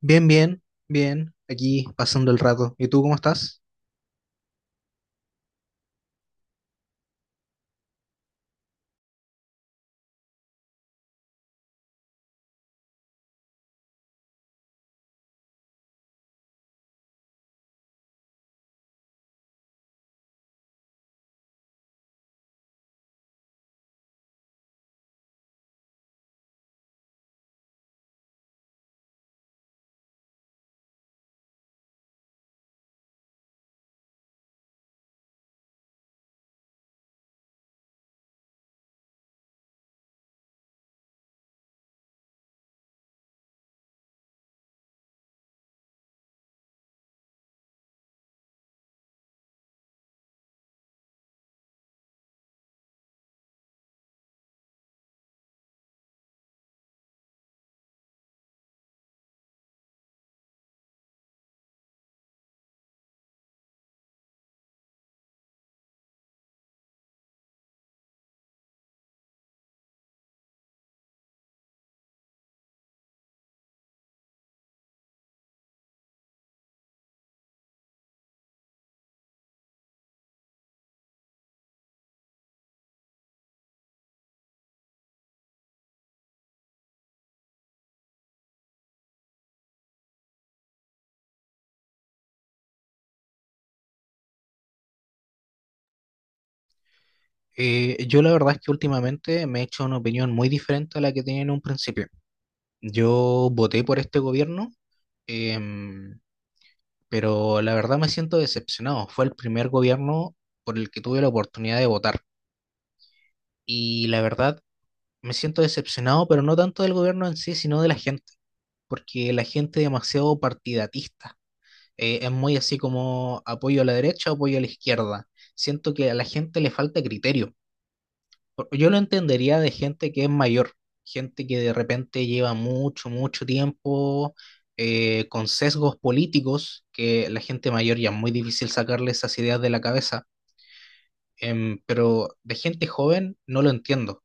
Bien, bien, bien, aquí pasando el rato. ¿Y tú cómo estás? Yo la verdad es que últimamente me he hecho una opinión muy diferente a la que tenía en un principio. Yo voté por este gobierno, em, pero la verdad me siento decepcionado. Fue el primer gobierno por el que tuve la oportunidad de votar. Y la verdad me siento decepcionado, pero no tanto del gobierno en sí, sino de la gente, porque la gente es demasiado partidatista. Es muy así como apoyo a la derecha, apoyo a la izquierda. Siento que a la gente le falta criterio. Yo lo entendería de gente que es mayor, gente que de repente lleva mucho tiempo con sesgos políticos, que la gente mayor ya es muy difícil sacarle esas ideas de la cabeza. Pero de gente joven no lo entiendo,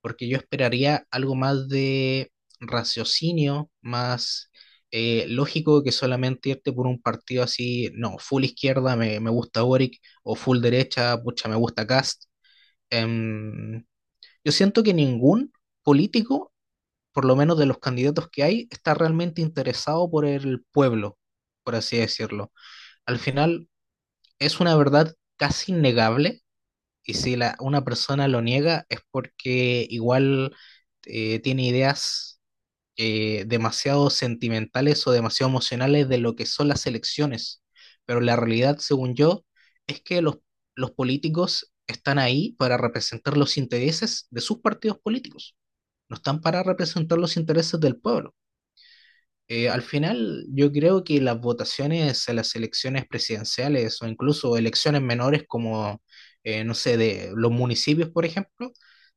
porque yo esperaría algo más de raciocinio, más lógico, que solamente irte por un partido así, no, full izquierda me, me gusta Boric, o full derecha, pucha, me gusta Cast. Em, yo siento que ningún político, por lo menos de los candidatos que hay, está realmente interesado por el pueblo, por así decirlo. Al final es una verdad casi innegable, y si una persona lo niega es porque igual tiene ideas demasiado sentimentales o demasiado emocionales de lo que son las elecciones. Pero la realidad, según yo, es que los políticos están ahí para representar los intereses de sus partidos políticos. No están para representar los intereses del pueblo. Al final, yo creo que las votaciones a las elecciones presidenciales, o incluso elecciones menores como, no sé, de los municipios, por ejemplo,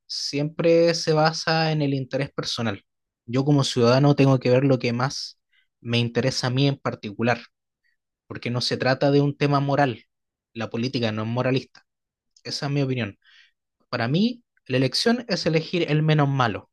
siempre se basa en el interés personal. Yo como ciudadano tengo que ver lo que más me interesa a mí en particular, porque no se trata de un tema moral. La política no es moralista. Esa es mi opinión. Para mí, la elección es elegir el menos malo.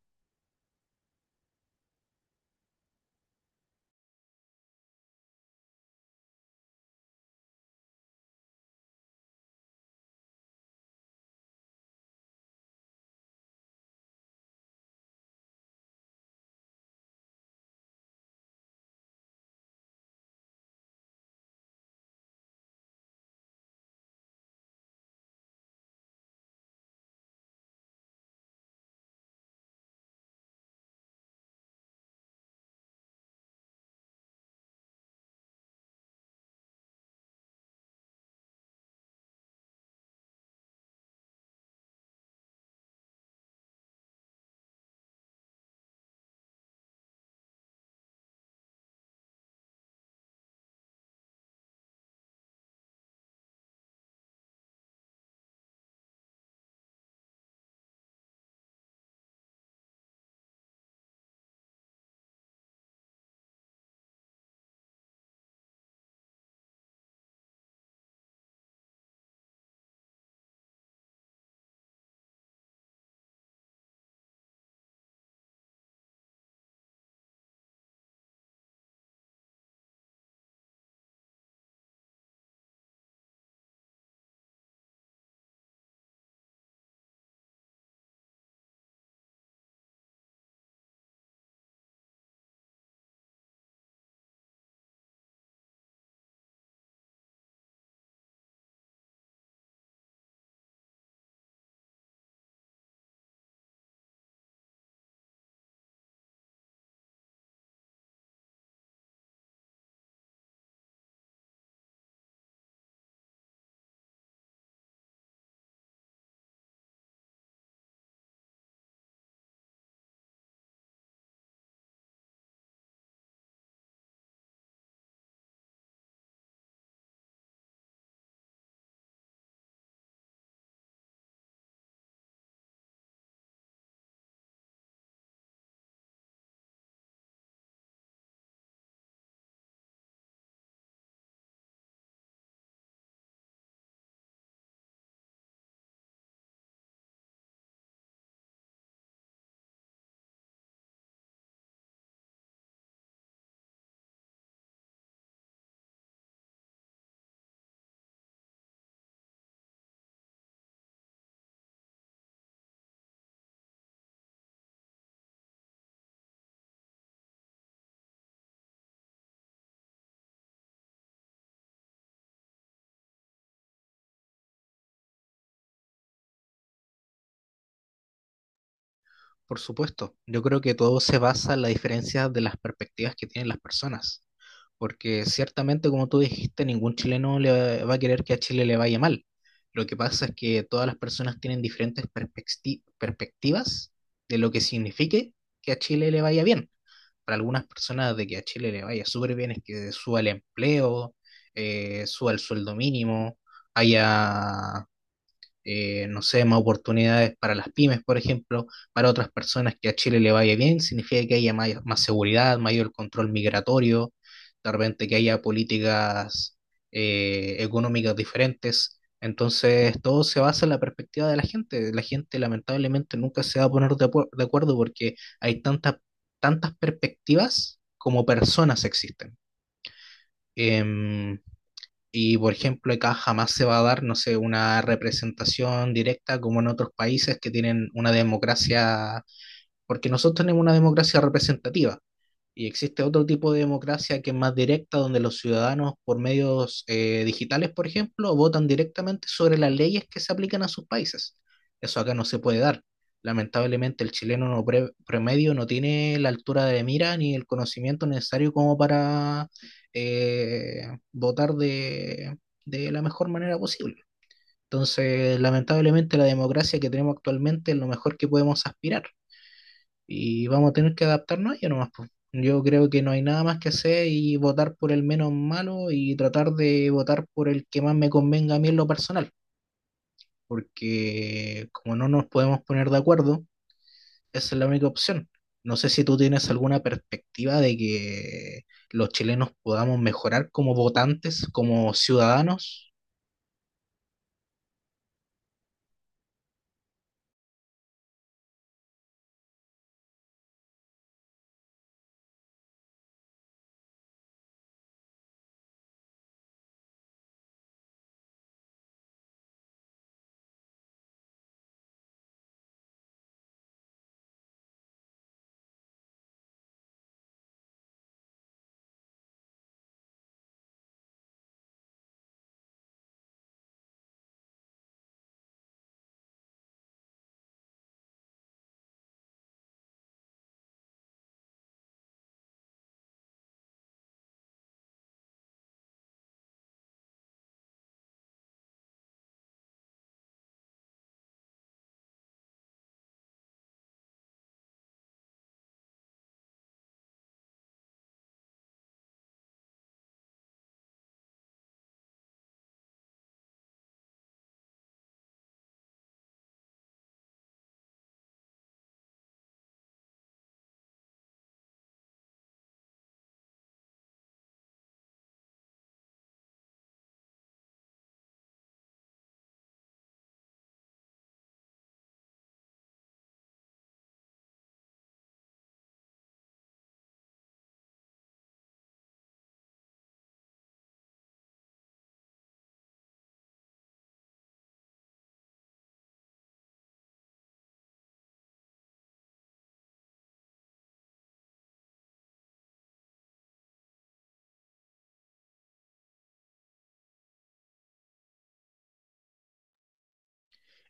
Por supuesto, yo creo que todo se basa en la diferencia de las perspectivas que tienen las personas, porque ciertamente, como tú dijiste, ningún chileno le va a querer que a Chile le vaya mal. Lo que pasa es que todas las personas tienen diferentes perspectivas de lo que signifique que a Chile le vaya bien. Para algunas personas, de que a Chile le vaya súper bien es que suba el empleo, suba el sueldo mínimo, haya no sé, más oportunidades para las pymes, por ejemplo. Para otras personas, que a Chile le vaya bien significa que haya más seguridad, mayor control migratorio, de repente que haya políticas económicas diferentes. Entonces, todo se basa en la perspectiva de la gente. La gente lamentablemente nunca se va a poner de, de acuerdo, porque hay tantas perspectivas como personas existen. Em, y por ejemplo, acá jamás se va a dar, no sé, una representación directa como en otros países que tienen una democracia, porque nosotros tenemos una democracia representativa, y existe otro tipo de democracia que es más directa, donde los ciudadanos, por medios digitales, por ejemplo, votan directamente sobre las leyes que se aplican a sus países. Eso acá no se puede dar. Lamentablemente, el chileno promedio no tiene la altura de mira ni el conocimiento necesario como para eh, votar de la mejor manera posible. Entonces, lamentablemente, la democracia que tenemos actualmente es lo mejor que podemos aspirar, y vamos a tener que adaptarnos a ello nomás, po. Yo creo que no hay nada más que hacer, y votar por el menos malo y tratar de votar por el que más me convenga a mí en lo personal, porque como no nos podemos poner de acuerdo, esa es la única opción. No sé si tú tienes alguna perspectiva de que los chilenos podamos mejorar como votantes, como ciudadanos.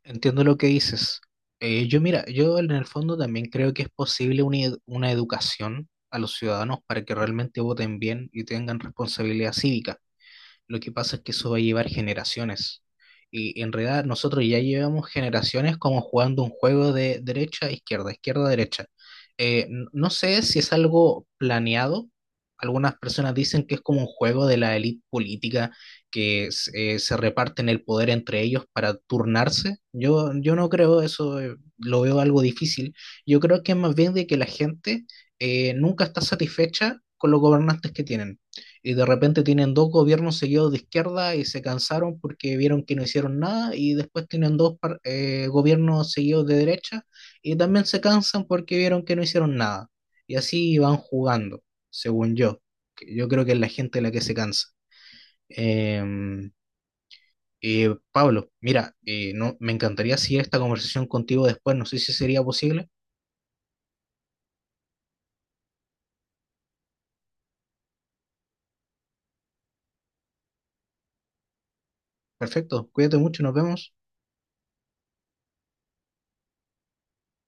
Entiendo lo que dices. Yo mira, yo en el fondo también creo que es posible una, una educación a los ciudadanos para que realmente voten bien y tengan responsabilidad cívica. Lo que pasa es que eso va a llevar generaciones. Y en realidad nosotros ya llevamos generaciones como jugando un juego de derecha, izquierda, izquierda, derecha. No sé si es algo planeado. Algunas personas dicen que es como un juego de la élite política que se reparten el poder entre ellos para turnarse. Yo no creo eso, lo veo algo difícil. Yo creo que es más bien de que la gente nunca está satisfecha con los gobernantes que tienen. Y de repente tienen dos gobiernos seguidos de izquierda y se cansaron porque vieron que no hicieron nada, y después tienen gobiernos seguidos de derecha y también se cansan porque vieron que no hicieron nada. Y así van jugando, según yo. Que Yo creo que es la gente la que se cansa. Em, y Pablo, mira, no, me encantaría seguir esta conversación contigo después, no sé si sería posible. Perfecto, cuídate mucho, nos vemos.